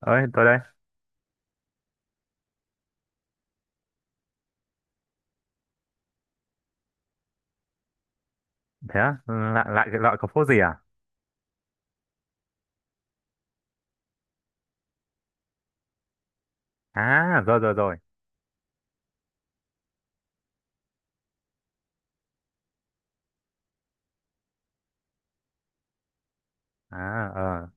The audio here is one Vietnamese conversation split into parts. Ơi, tôi đây. Thế á? Lại lại cái loại có phốt gì à? À, rồi, rồi, rồi. À,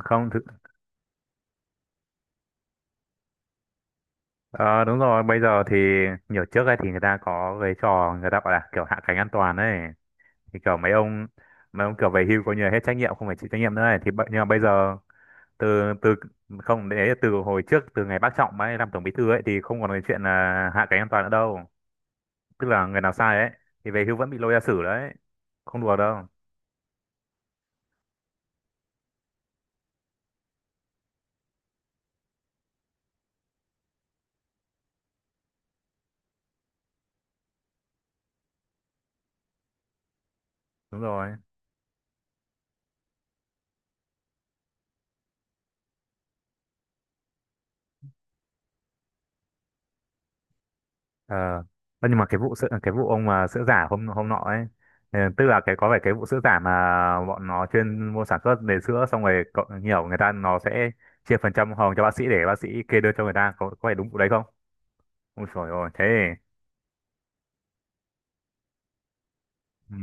không thực. Ờ, Đúng rồi, bây giờ thì nhiều trước ấy thì người ta có cái trò, người ta gọi là kiểu hạ cánh an toàn ấy, thì kiểu mấy ông kiểu về hưu, coi như là hết trách nhiệm, không phải chịu trách nhiệm nữa ấy, thì nhưng mà bây giờ từ từ. Không, đấy là từ hồi trước, từ ngày bác Trọng ấy làm tổng bí thư ấy thì không còn cái chuyện là hạ cánh an toàn nữa đâu. Tức là người nào sai ấy thì về hưu vẫn bị lôi ra xử đấy, không đùa đâu. Đúng rồi. Ờ, nhưng mà cái vụ sữa, cái vụ ông mà sữa giả hôm hôm nọ ấy, tức là cái, có phải cái vụ sữa giả mà bọn nó chuyên mua sản xuất để sữa, xong rồi nhiều người ta nó sẽ chia phần trăm hồng cho bác sĩ để bác sĩ kê đơn cho người ta, có phải đúng vụ đấy không? Ôi trời ơi, thế ừ.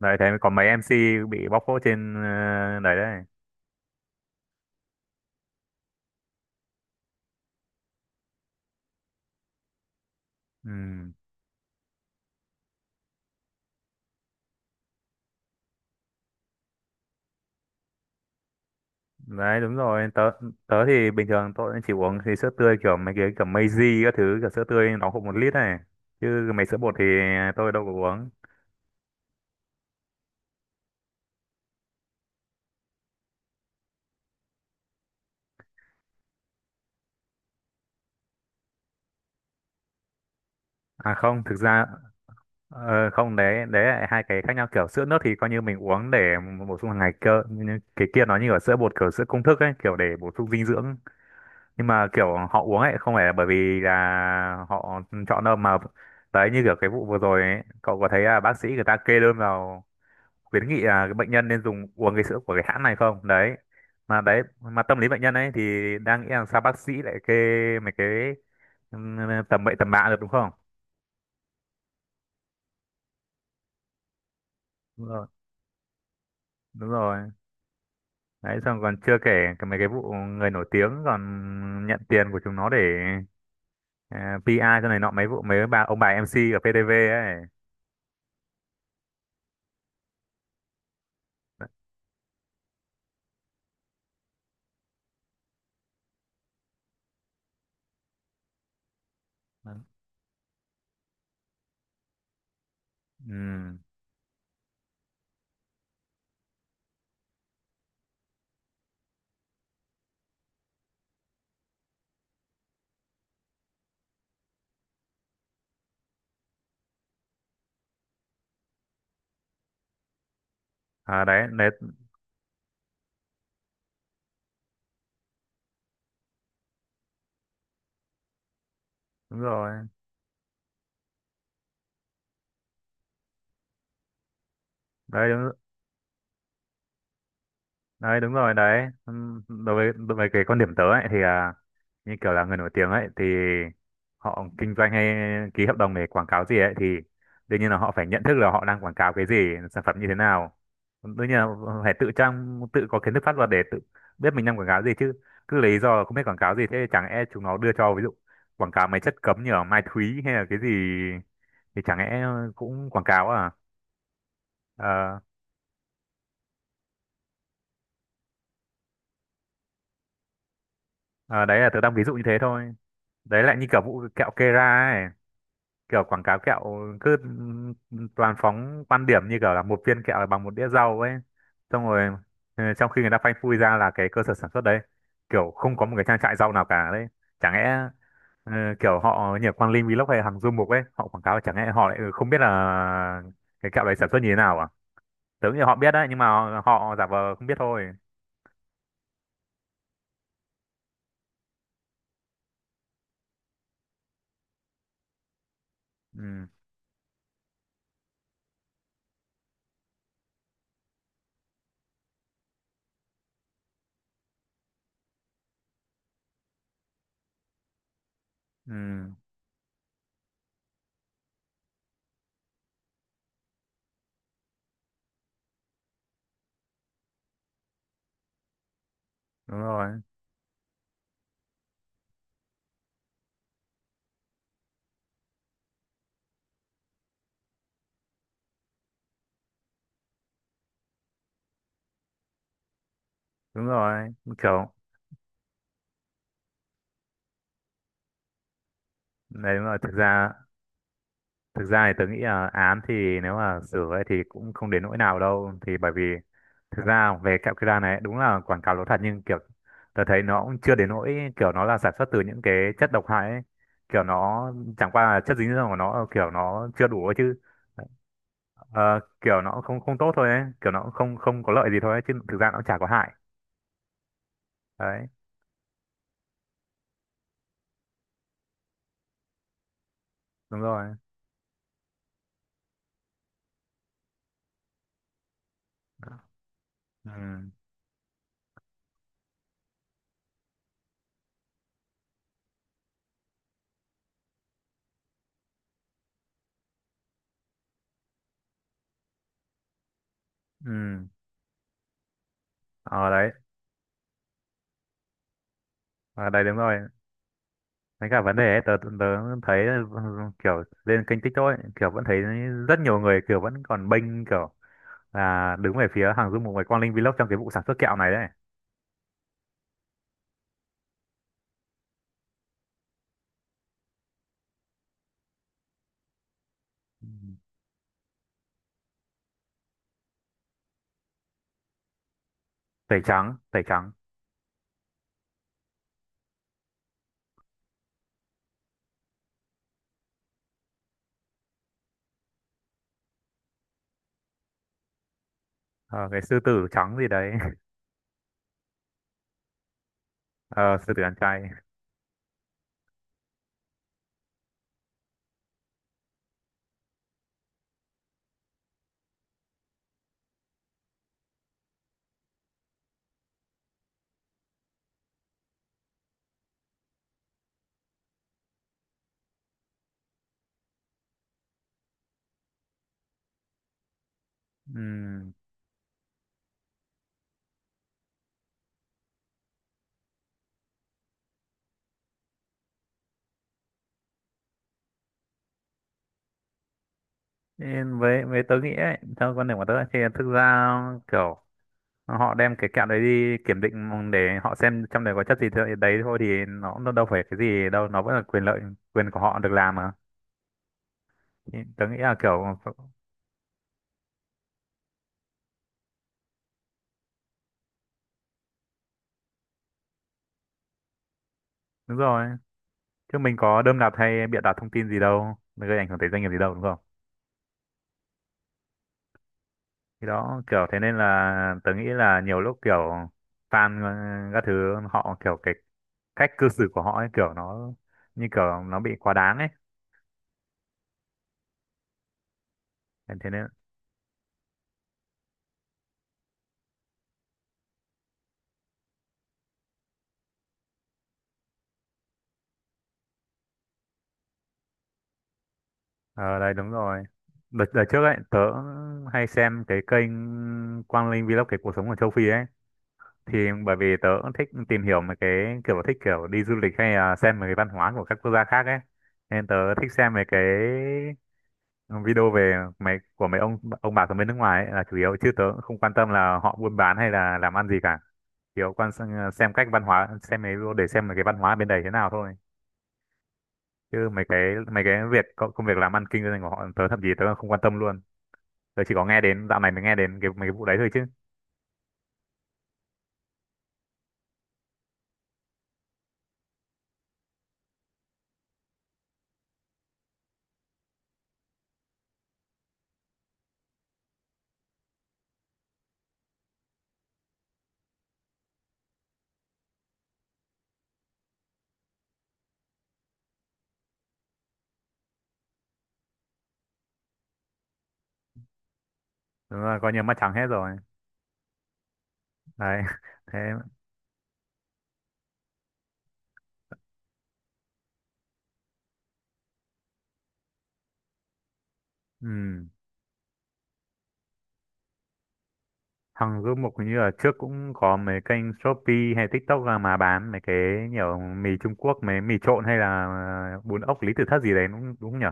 Đấy, thế mới có mấy MC bị bóc phốt trên, đấy đấy ừ. Đấy đúng rồi, tớ tớ thì bình thường tôi chỉ uống thì sữa tươi, kiểu mấy cái kiểu Meiji các thứ, kiểu sữa tươi nó cũng 1 lít này, chứ mấy sữa bột thì tôi đâu có uống. À không, thực ra không, đấy, đấy là hai cái khác nhau. Kiểu sữa nước thì coi như mình uống để bổ sung hàng ngày cơ, nhưng cái kia nó như ở sữa bột, kiểu sữa công thức ấy, kiểu để bổ sung dinh dưỡng. Nhưng mà kiểu họ uống ấy không phải là bởi vì là họ chọn đâu mà. Đấy, như kiểu cái vụ vừa rồi ấy, cậu có thấy là bác sĩ người ta kê đơn vào khuyến nghị là cái bệnh nhân nên dùng uống cái sữa của cái hãng này không? Đấy. Mà đấy, mà tâm lý bệnh nhân ấy thì đang nghĩ là sao bác sĩ lại kê mấy cái ừ, tầm bậy tầm bạ được, đúng không? Đúng rồi, đúng rồi. Đấy, xong còn chưa kể cái mấy cái vụ người nổi tiếng còn nhận tiền của chúng nó để ờ, PR cho này nọ, mấy vụ mấy bà ông bà MC ở PTV ấy. Ừ. À, đấy, đấy, đúng rồi. Đấy, đúng, đấy đúng rồi đấy. Đối với cái quan điểm tớ ấy thì như kiểu là người nổi tiếng ấy thì họ kinh doanh hay ký hợp đồng để quảng cáo gì ấy, thì đương nhiên là họ phải nhận thức là họ đang quảng cáo cái gì, sản phẩm như thế nào. Đương nhiên là phải tự trang, tự có kiến thức pháp luật để tự biết mình đang quảng cáo gì chứ. Cứ lấy lý do là không biết quảng cáo gì, thế chẳng e chúng nó đưa cho ví dụ quảng cáo mấy chất cấm như ở Mai Thúy hay là cái gì thì chẳng lẽ cũng quảng cáo à? Ờ, Ờ, Đấy là tớ đang ví dụ như thế thôi. Đấy lại như kiểu vụ kẹo Kera ấy. Kiểu quảng cáo kẹo cứ, toàn phóng quan điểm như kiểu là một viên kẹo là bằng một đĩa rau ấy. Xong rồi trong khi người ta phanh phui ra là cái cơ sở sản xuất đấy. Kiểu không có một cái trang trại rau nào cả đấy. Chẳng lẽ ừ, kiểu họ như Quang Linh Vlog hay Hằng Du Mục ấy, họ quảng cáo, chẳng lẽ họ lại không biết là cái kẹo đấy sản xuất như thế nào à? Tớ nghĩ họ biết đấy, nhưng mà họ giả vờ không biết thôi. Ừ, ừ, đúng rồi, đúng rồi. Kiểu đấy đúng rồi, thực ra thì tớ nghĩ là án thì nếu mà sửa ấy thì cũng không đến nỗi nào đâu, thì bởi vì thực ra về kẹo Kira này đúng là quảng cáo lố thật, nhưng kiểu tớ thấy nó cũng chưa đến nỗi kiểu nó là sản xuất từ những cái chất độc hại ấy. Kiểu nó chẳng qua là chất dinh dưỡng của nó kiểu nó chưa đủ ấy chứ. Ờ, kiểu nó không không tốt thôi ấy, kiểu nó cũng không không có lợi gì thôi ấy, chứ thực ra nó cũng chả có hại. Đấy, đúng rồi. Ừ. Ừ. Ờ đấy, Ờ, đấy đúng rồi. Với cả vấn đề ấy, tớ, tớ tớ thấy kiểu lên kênh TikTok ấy, kiểu vẫn thấy rất nhiều người kiểu vẫn còn bênh, kiểu là đứng về phía hàng du mục với Quang Linh Vlog trong cái vụ sản xuất kẹo này đấy. Ừ. Tẩy trắng, tẩy trắng. Ờ, cái sư tử trắng gì đấy. Ờ, sư tử ăn chay. Ừm, Nên với tớ nghĩ ấy, theo quan điểm của tớ thì thực ra kiểu họ đem cái kẹo đấy đi kiểm định để họ xem trong đấy có chất gì thì- đấy, thôi thì nó đâu phải cái gì đâu, nó vẫn là quyền lợi, quyền của họ được làm mà. Tớ nghĩ là kiểu đúng rồi, chứ mình có đơm đặt hay bịa đặt thông tin gì đâu, gây ảnh hưởng tới doanh nghiệp gì đâu, đúng không? Thì đó, kiểu thế nên là tớ nghĩ là nhiều lúc kiểu fan, các thứ họ kiểu cái cách cư xử của họ ấy, kiểu nó như kiểu nó bị quá đáng ấy. Thế thế nên ờ đây đúng rồi. Đợt trước ấy tớ hay xem cái kênh Quang Linh Vlog, cái cuộc sống ở châu Phi ấy, thì bởi vì tớ cũng thích tìm hiểu mấy cái kiểu thích kiểu đi du lịch hay là xem mấy cái văn hóa của các quốc gia khác ấy, nên tớ thích xem mấy cái video về mấy của mấy ông bà ở bên nước ngoài ấy là chủ yếu, chứ tớ cũng không quan tâm là họ buôn bán hay là làm ăn gì cả, chỉ có xem cách văn hóa, xem mấy video để xem mấy cái văn hóa bên đấy thế nào thôi, chứ mấy cái việc công công việc làm ăn kinh doanh của họ tớ thậm chí tớ không quan tâm luôn. Tớ chỉ có nghe đến dạo này mới nghe đến cái mấy cái vụ đấy thôi chứ. Đúng là coi như mất trắng hết rồi đấy. Thế ừ. Hằng Du Mục hình như là trước cũng có mấy kênh Shopee hay TikTok ra mà bán mấy cái nhiều mì Trung Quốc, mấy mì trộn hay là bún ốc Lý Tự Thất gì đấy, đúng đúng nhỉ?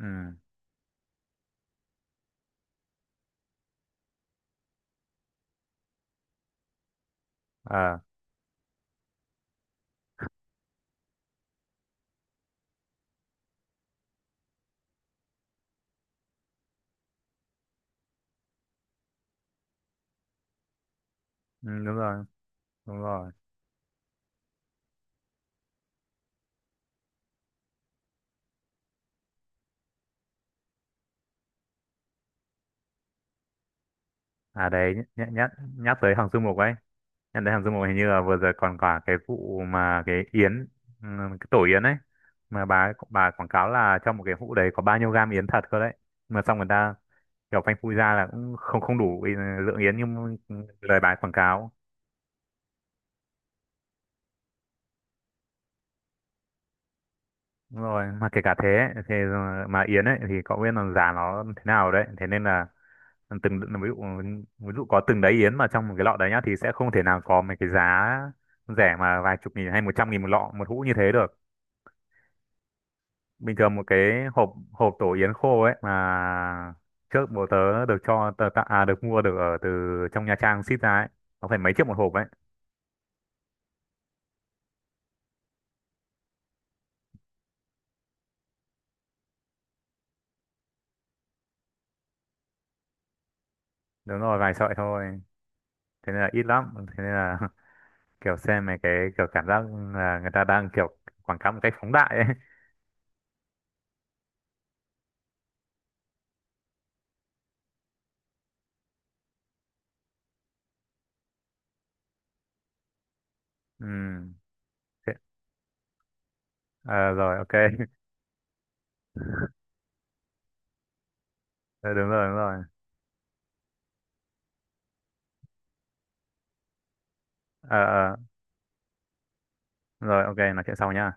Ừ. À, ừ, đúng rồi, đúng rồi. À đấy, nhắc nhắc nhắc tới Hằng Du Mục ấy. Nhắc tới Hằng Du Mục hình như là vừa rồi còn cả cái vụ mà cái yến, ừ, cái tổ yến ấy, mà bà quảng cáo là trong một cái hũ đấy có bao nhiêu gam yến thật cơ đấy. Mà xong người ta kiểu phanh phui ra là cũng không không đủ lượng yến như lời bà ấy quảng cáo. Đúng rồi, mà kể cả thế ấy, thì mà Yến ấy thì cậu biết là giá nó thế nào đấy, thế nên là từng ví dụ, có từng đấy Yến mà trong một cái lọ đấy nhá thì sẽ không thể nào có mấy cái giá rẻ mà vài chục nghìn hay 100.000 một lọ một hũ như thế được. Bình thường một cái hộp hộp tổ Yến khô ấy mà trước bố tớ được cho tớ, à được mua được ở từ trong Nha Trang ship ra ấy, nó phải mấy triệu một hộp ấy. Đúng rồi, vài sợi thôi. Thế nên là ít lắm, thế nên là kiểu xem mấy cái kiểu cảm giác là người ta đang kiểu quảng cáo một cách phóng đại ấy. Ừ. thế- ờ, rồi ok. Ừ, đúng rồi đúng rồi. Ờ, rồi ok, nói chuyện sau nhá.